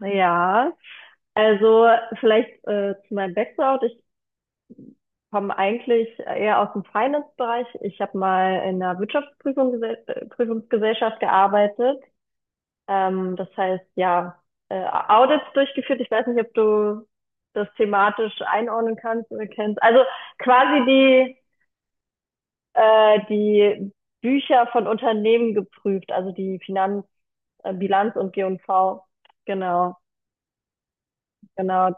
Ja, also vielleicht zu meinem Background. Ich komme eigentlich eher aus dem Finance-Bereich. Ich habe mal in einer Wirtschaftsprüfungsgesellschaft gearbeitet. Das heißt, ja, Audits durchgeführt. Ich weiß nicht, ob du das thematisch einordnen kannst oder kennst. Also quasi die Bücher von Unternehmen geprüft, also die Finanz, Bilanz und G&V. Genau, genau.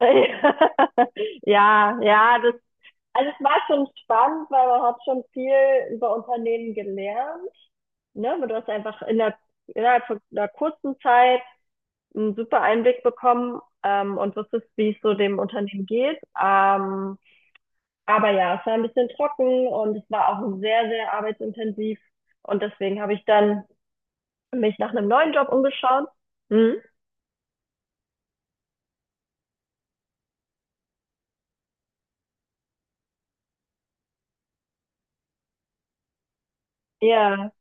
Ja, ja, das, also es war schon spannend, weil man hat schon viel über Unternehmen gelernt, ne? Aber du hast einfach in der, innerhalb von einer kurzen Zeit einen super Einblick bekommen, und wusstest, wie es so dem Unternehmen geht. Aber ja, es war ein bisschen trocken und es war auch sehr, sehr arbeitsintensiv. Und deswegen habe ich dann mich nach einem neuen Job umgeschaut. Mhm. Ja,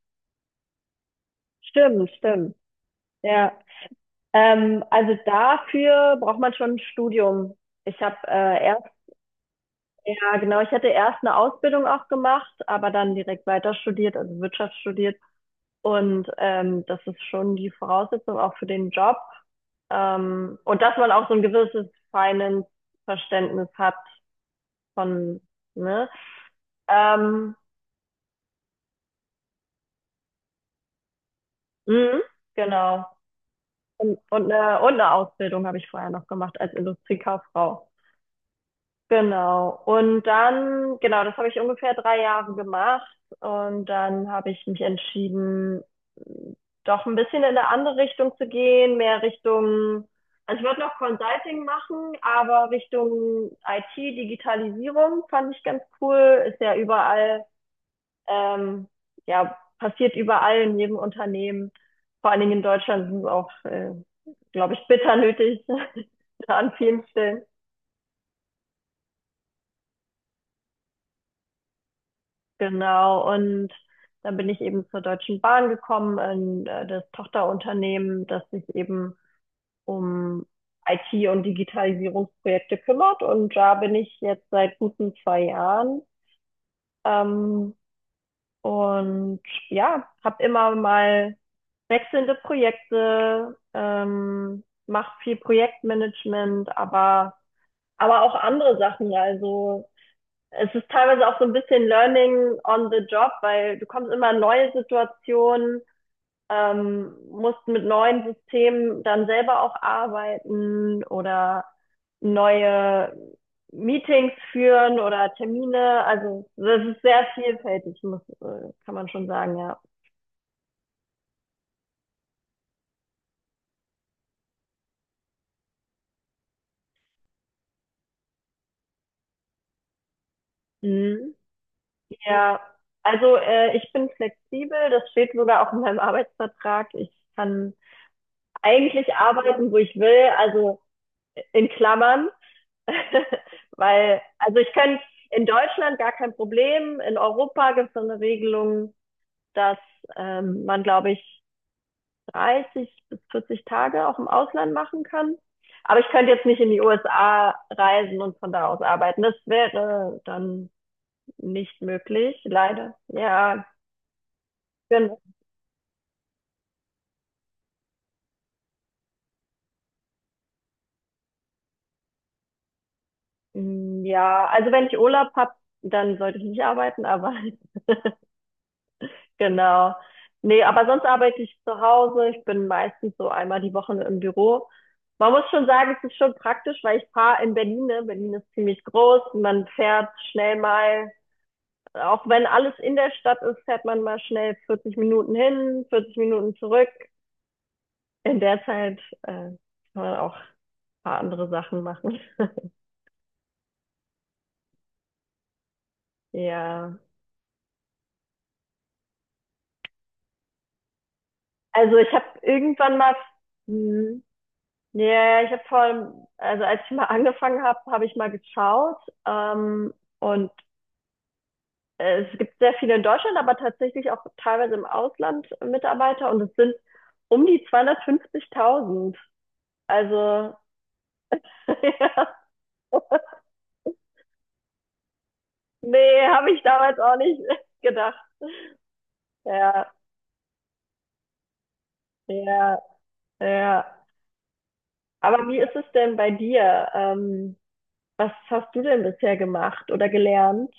stimmt, stimmt. Ja. Also dafür braucht man schon ein Studium. Ich habe erst, ja genau, ich hatte erst eine Ausbildung auch gemacht, aber dann direkt weiter studiert, also Wirtschaft studiert. Und das ist schon die Voraussetzung auch für den Job. Und dass man auch so ein gewisses Finance-Verständnis hat von, ne? Ähm, mhm, genau. Und eine Ausbildung habe ich vorher noch gemacht als Industriekauffrau. Genau. Und dann, genau, das habe ich ungefähr 3 Jahre gemacht. Und dann habe ich mich entschieden, doch ein bisschen in eine andere Richtung zu gehen, mehr Richtung, also ich wollte noch Consulting machen, aber Richtung IT, Digitalisierung fand ich ganz cool. Ist ja überall, ähm, ja, passiert überall in jedem Unternehmen. Vor allen Dingen in Deutschland sind es auch, glaube ich, bitter nötig an vielen Stellen. Genau, und dann bin ich eben zur Deutschen Bahn gekommen, in das Tochterunternehmen, das sich eben um IT- und Digitalisierungsprojekte kümmert. Und da bin ich jetzt seit guten 2 Jahren. Ähm, und ja, habe immer mal wechselnde Projekte, mache viel Projektmanagement, aber auch andere Sachen. Also es ist teilweise auch so ein bisschen Learning on the Job, weil du kommst immer in neue Situationen, musst mit neuen Systemen dann selber auch arbeiten oder neue Meetings führen oder Termine. Also das ist sehr vielfältig, kann man schon sagen, ja. Mhm. Ja, also ich bin flexibel, das steht sogar auch in meinem Arbeitsvertrag. Ich kann eigentlich arbeiten, wo ich will, also in Klammern. Weil, also ich könnte in Deutschland gar kein Problem. In Europa gibt es so eine Regelung, dass man, glaube ich, 30 bis 40 Tage auch im Ausland machen kann. Aber ich könnte jetzt nicht in die USA reisen und von da aus arbeiten. Das wäre dann nicht möglich, leider. Ja, gen- ja, also wenn ich Urlaub habe, dann sollte ich nicht arbeiten, aber. Genau. Nee, aber sonst arbeite ich zu Hause. Ich bin meistens so einmal die Woche im Büro. Man muss schon sagen, es ist schon praktisch, weil ich fahre in Berlin. Ne? Berlin ist ziemlich groß. Man fährt schnell mal, auch wenn alles in der Stadt ist, fährt man mal schnell 40 Minuten hin, 40 Minuten zurück. In der Zeit kann man auch ein paar andere Sachen machen. Ja. Also ich habe irgendwann mal, hm, ja, ja, ich habe vor, also als ich mal angefangen habe, habe ich mal geschaut. Und es gibt sehr viele in Deutschland, aber tatsächlich auch teilweise im Ausland Mitarbeiter. Und es sind um die 250.000. Also, ja, nee, habe ich damals auch nicht gedacht. Ja, ja, ja. Aber wie ist es denn bei dir? Was hast du denn bisher gemacht oder gelernt?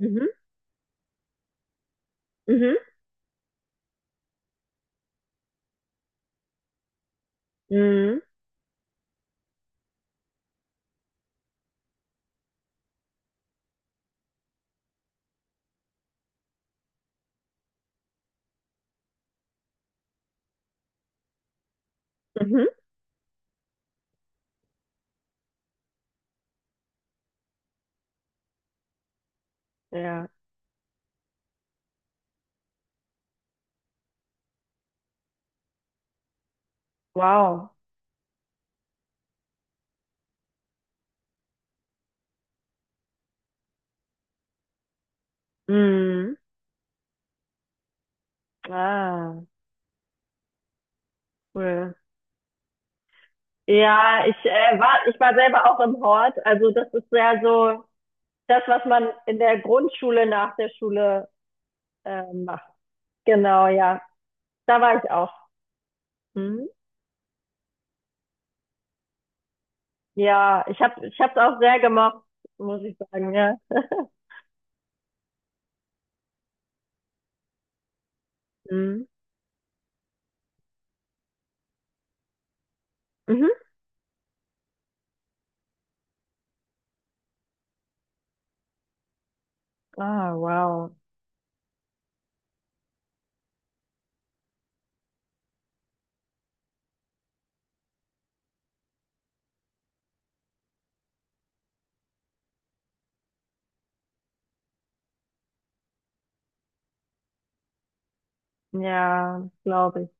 Mhm, mhm, mhm, mhm. Ja, wow. Mhm. Ah, cool. Ja, ich war selber auch im Hort. Also das ist ja so das, was man in der Grundschule nach der Schule macht. Genau, ja. Da war ich auch. Mhm. Ja, ich hab's auch sehr gemocht, muss ich sagen, ja. Mhm. Mhm. Ah, wow. Ja, glaube ich.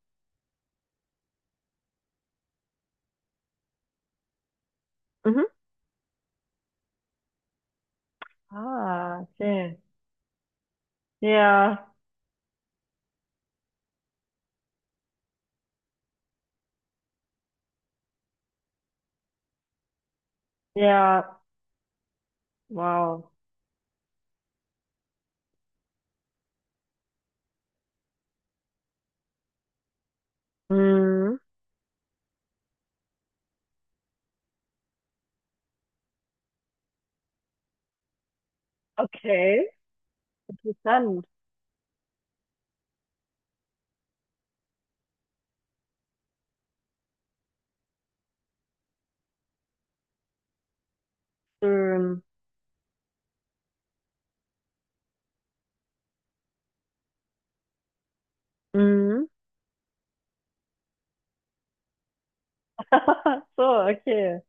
Mhm. Ah, okay. Ja, ja, wow. Mhm. Okay, interessant. Schön. Mhm. So, okay.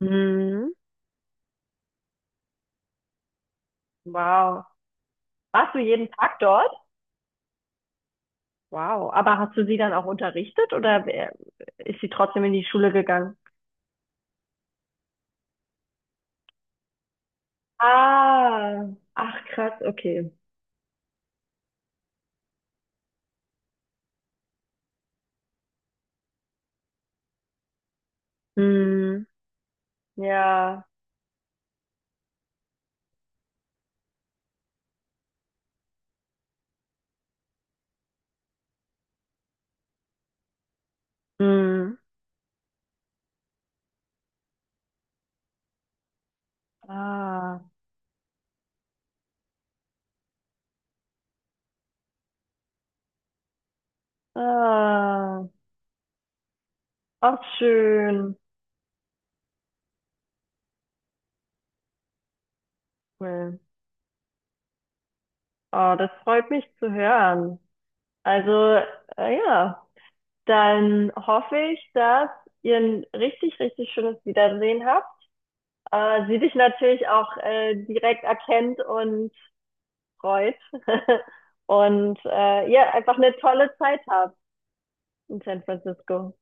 Mhm. Wow. Warst du jeden Tag dort? Wow. Aber hast du sie dann auch unterrichtet oder ist sie trotzdem in die Schule gegangen? Ah, ach krass, okay. Mhm. Ja. Mhm. Ah, ah, auch schön. Cool. Oh, das freut mich zu hören. Also, ja, dann hoffe ich, dass ihr ein richtig, richtig schönes Wiedersehen habt. Sie dich natürlich auch direkt erkennt und freut. Und ihr einfach eine tolle Zeit habt in San Francisco.